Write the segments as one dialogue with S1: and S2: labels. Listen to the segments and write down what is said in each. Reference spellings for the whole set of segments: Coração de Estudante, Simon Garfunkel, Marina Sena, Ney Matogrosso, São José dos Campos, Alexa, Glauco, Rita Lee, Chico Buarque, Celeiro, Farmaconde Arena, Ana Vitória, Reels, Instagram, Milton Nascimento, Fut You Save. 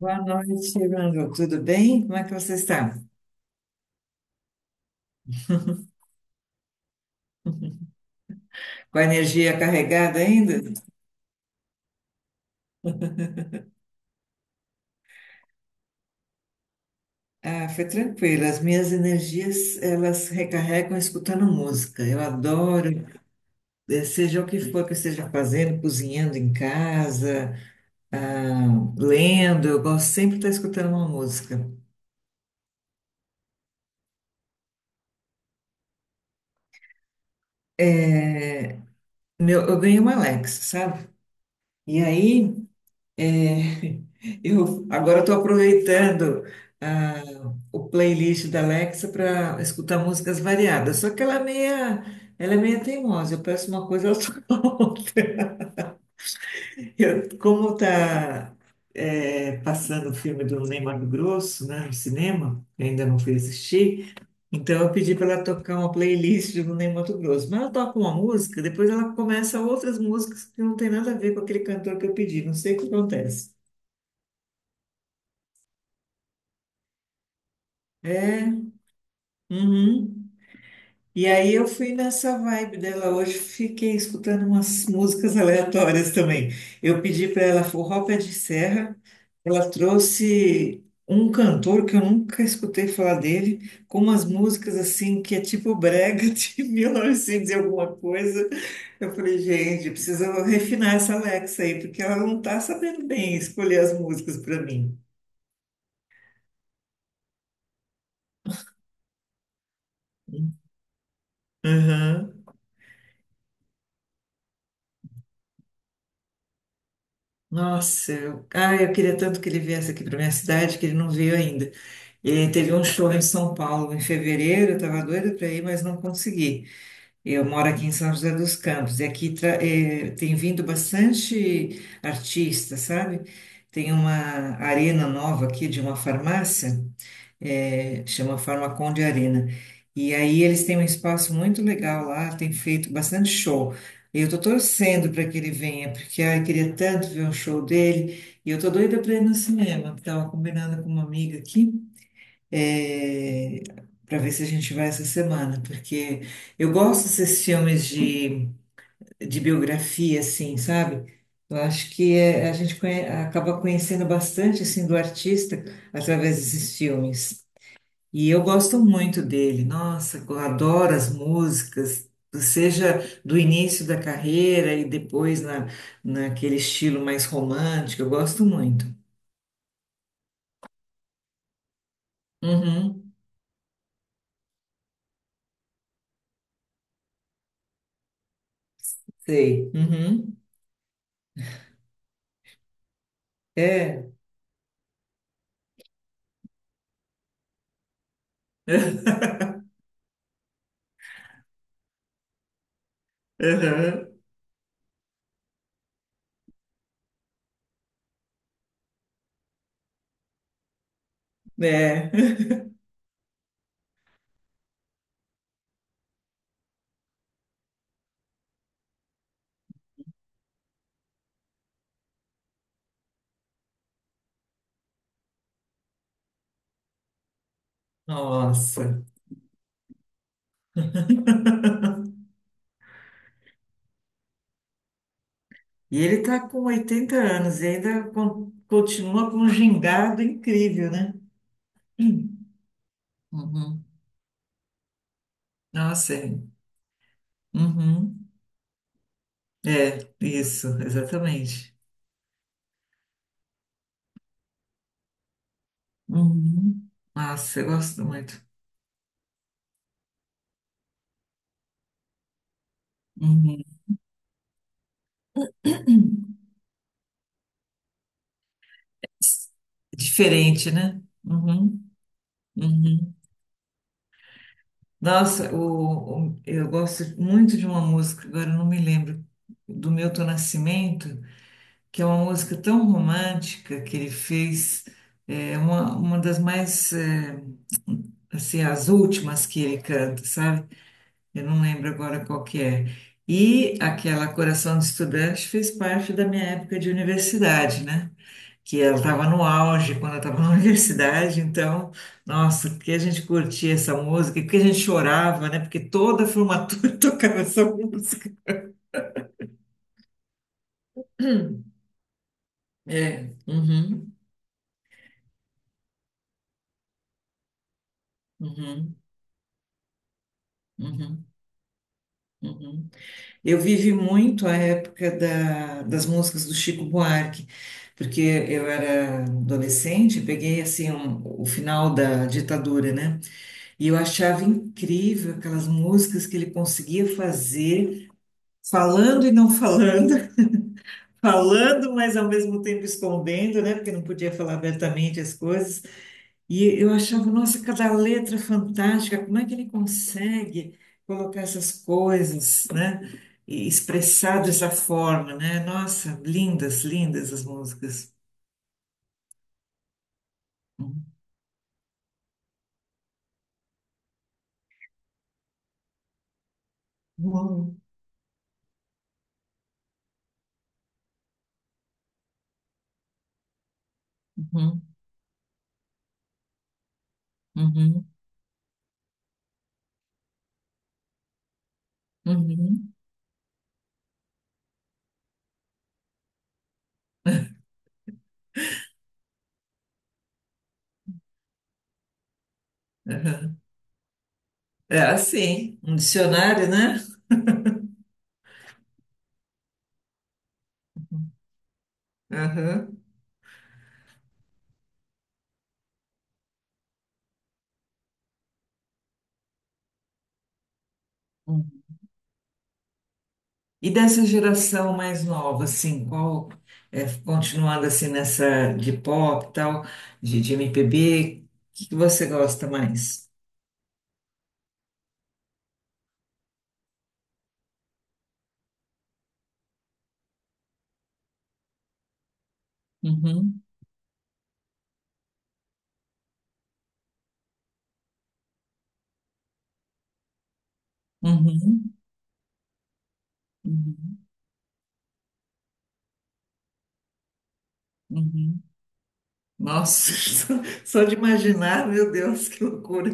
S1: Boa noite, Manu. Tudo bem? Como é que você está? Com a energia carregada ainda? Ah, foi tranquilo. As minhas energias, elas recarregam escutando música. Eu adoro, seja o que for que eu esteja fazendo, cozinhando em casa, ah, lendo, eu gosto sempre de estar escutando uma música. É, meu, eu ganhei uma Alexa, sabe? E aí, É, eu agora estou aproveitando ah, o playlist da Alexa para escutar músicas variadas. Só que ela é meia teimosa. Eu peço uma coisa, ela toca outra. Como está passando o filme do Ney Matogrosso, né, no cinema, eu ainda não fui assistir, então eu pedi para ela tocar uma playlist do Ney Matogrosso. Mas ela toca uma música, depois ela começa outras músicas que não tem nada a ver com aquele cantor que eu pedi. Não sei o que acontece. É. Uhum. E aí eu fui nessa vibe dela hoje, fiquei escutando umas músicas aleatórias também. Eu pedi para ela forró pé de serra, ela trouxe um cantor que eu nunca escutei falar dele, com umas músicas assim que é tipo brega de 1900 e alguma coisa. Eu falei, gente, precisa refinar essa Alexa aí, porque ela não tá sabendo bem escolher as músicas para mim. Nossa, eu, ai, eu queria tanto que ele viesse aqui para minha cidade, que ele não veio ainda. Ele teve um show em São Paulo em fevereiro, eu estava doida para ir, mas não consegui. Eu moro aqui em São José dos Campos, e aqui tem vindo bastante artista, sabe? Tem uma arena nova aqui de uma farmácia chama Farmaconde Arena. E aí eles têm um espaço muito legal lá, tem feito bastante show. E eu tô torcendo para que ele venha, porque ai, eu queria tanto ver um show dele. E eu tô doida para ir no cinema. Tava combinando com uma amiga aqui, é, para ver se a gente vai essa semana, porque eu gosto desses filmes de biografia, assim, sabe? Eu acho que é- a gente conhe- acaba conhecendo bastante assim do artista através desses filmes. E eu gosto muito dele. Nossa, eu adoro as músicas, seja do início da carreira e depois naquele estilo mais romântico. Eu gosto muito. Uhum, sei. Uhum, é. Uhum, é. Nossa. E ele está com 80 anos e ainda con- continua com um gingado incrível, né? Uhum. Nossa, é. Uhum. É, isso, exatamente. Uhum. Nossa, eu gosto muito. Uhum. Diferente, né? Uhum, uhum. Nossa, eu gosto muito de uma música, agora eu não me lembro, do Milton Nascimento, que é uma música tão romântica que ele fez, é uma das mais, assim, as últimas que ele canta, sabe? Eu não lembro agora qual que é. E aquela Coração de Estudante fez parte da minha época de universidade, né? Que eu estava no auge quando eu estava na universidade, então, nossa, porque a gente curtia essa música, porque a gente chorava, né? Porque toda a formatura tocava essa música. É, uhum, uhum, uhum, uhum. Eu vivi muito a época da- das músicas do Chico Buarque, porque eu era adolescente, peguei assim o final da ditadura, né? E eu achava incrível aquelas músicas que ele conseguia fazer falando e não falando, falando, mas ao mesmo tempo escondendo, né? Porque não podia falar abertamente as coisas. E eu achava, nossa, cada letra fantástica, como é que ele consegue colocar essas coisas, né? E expressar dessa forma, né? Nossa, lindas, lindas as músicas. Uhum, uhum, uhum, uhum, uhum. É assim, um dicionário, né? Aham. E dessa geração mais nova, assim, continuando assim nessa de pop e tal, de MPB, o que que você gosta mais? Uhum, uhum, uhum, uhum. Nossa, só de imaginar, meu Deus, que loucura.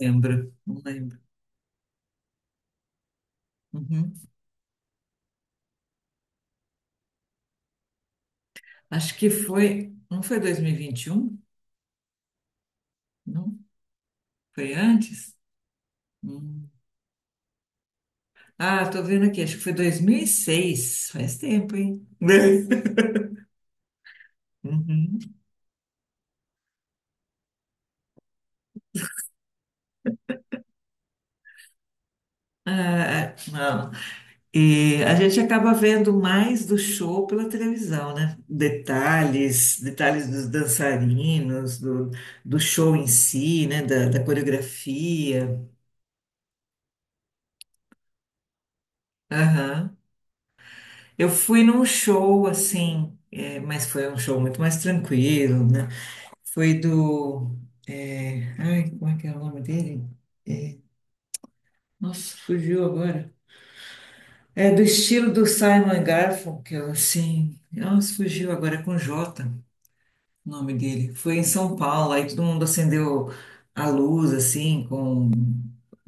S1: Lembro, não lembro. Uhum. Acho que foi, não foi dois mil e vinte e um? Não, foi antes? Hum. Ah, tô vendo aqui, acho que foi 2006. Faz tempo, hein? Uhum. É, é, não. E a gente acaba vendo mais do show pela televisão, né? Detalhes, detalhes dos dançarinos, do show em si, né? Da coreografia. Aham. Eu fui num show assim, mas foi um show muito mais tranquilo, né? Foi do. Ai, como é que é o nome dele? Nossa, fugiu agora. É do estilo do Simon Garfunkel, assim. Nossa, fugiu agora é com Jota. O nome dele. Foi em São Paulo, aí todo mundo acendeu a luz, assim, com.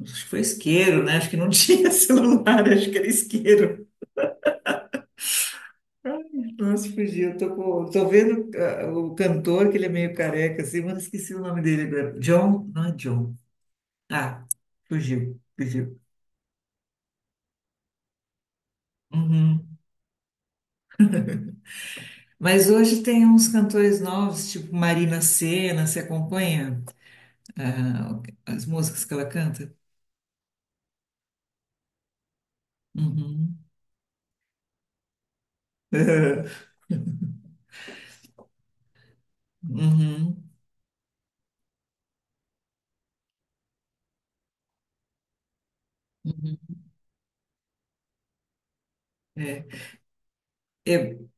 S1: Acho que foi isqueiro, né? Acho que não tinha celular, acho que era isqueiro. Ai, nossa, fugi. Eu tô vendo o cantor, que ele é meio careca, assim, mas esqueci o nome dele agora. John? Não é John. Ah, fugiu, fugiu. Uhum. Mas hoje tem uns cantores novos, tipo Marina Sena, você acompanha ah, as músicas que ela canta? Uhum. Uhum. Uhum. É. Eu,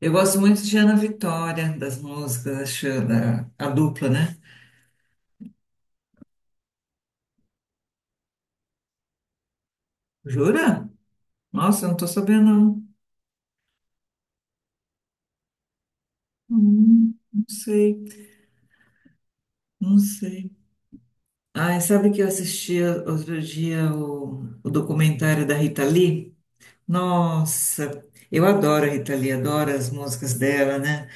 S1: eu gosto muito de Ana Vitória, das músicas, acho, a dupla, né? Jura? Nossa, eu não tô sabendo, não. Não sei, não sei. Ah, sabe que eu assisti outro dia o documentário da Rita Lee? Nossa, eu adoro a Rita Lee, adoro as músicas dela, né?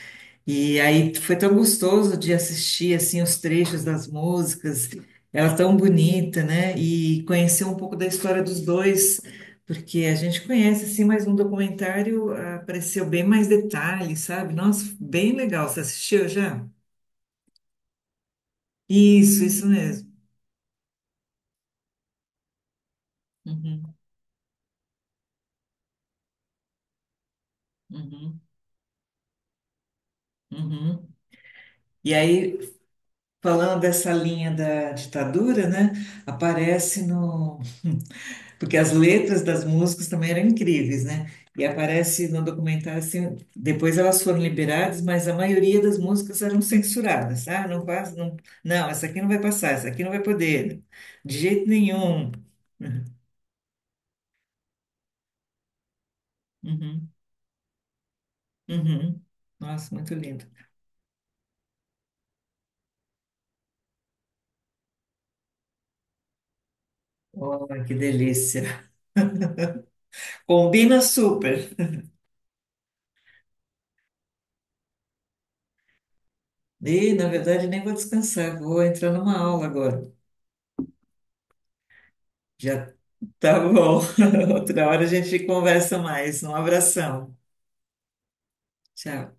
S1: E aí foi tão gostoso de assistir assim os trechos das músicas, ela é tão bonita, né? E conhecer um pouco da história dos dois, porque a gente conhece assim, mas no documentário apareceu bem mais detalhes, sabe? Nossa, bem legal. Você assistiu já? Isso mesmo. Uhum, uhum, uhum. E aí, falando dessa linha da ditadura, né? Aparece no Porque as letras das músicas também eram incríveis, né? E aparece no documentário assim, depois elas foram liberadas, mas a maioria das músicas eram censuradas. Ah, não passa, não, não, essa aqui não vai passar, essa aqui não vai poder, de jeito nenhum. Uhum, uhum. Uhum. Nossa, muito lindo. Oh, que delícia. Combina super. E, na verdade, nem vou descansar, vou entrar numa aula agora. Já tá bom. Outra hora a gente conversa mais. Um abração. Tchau.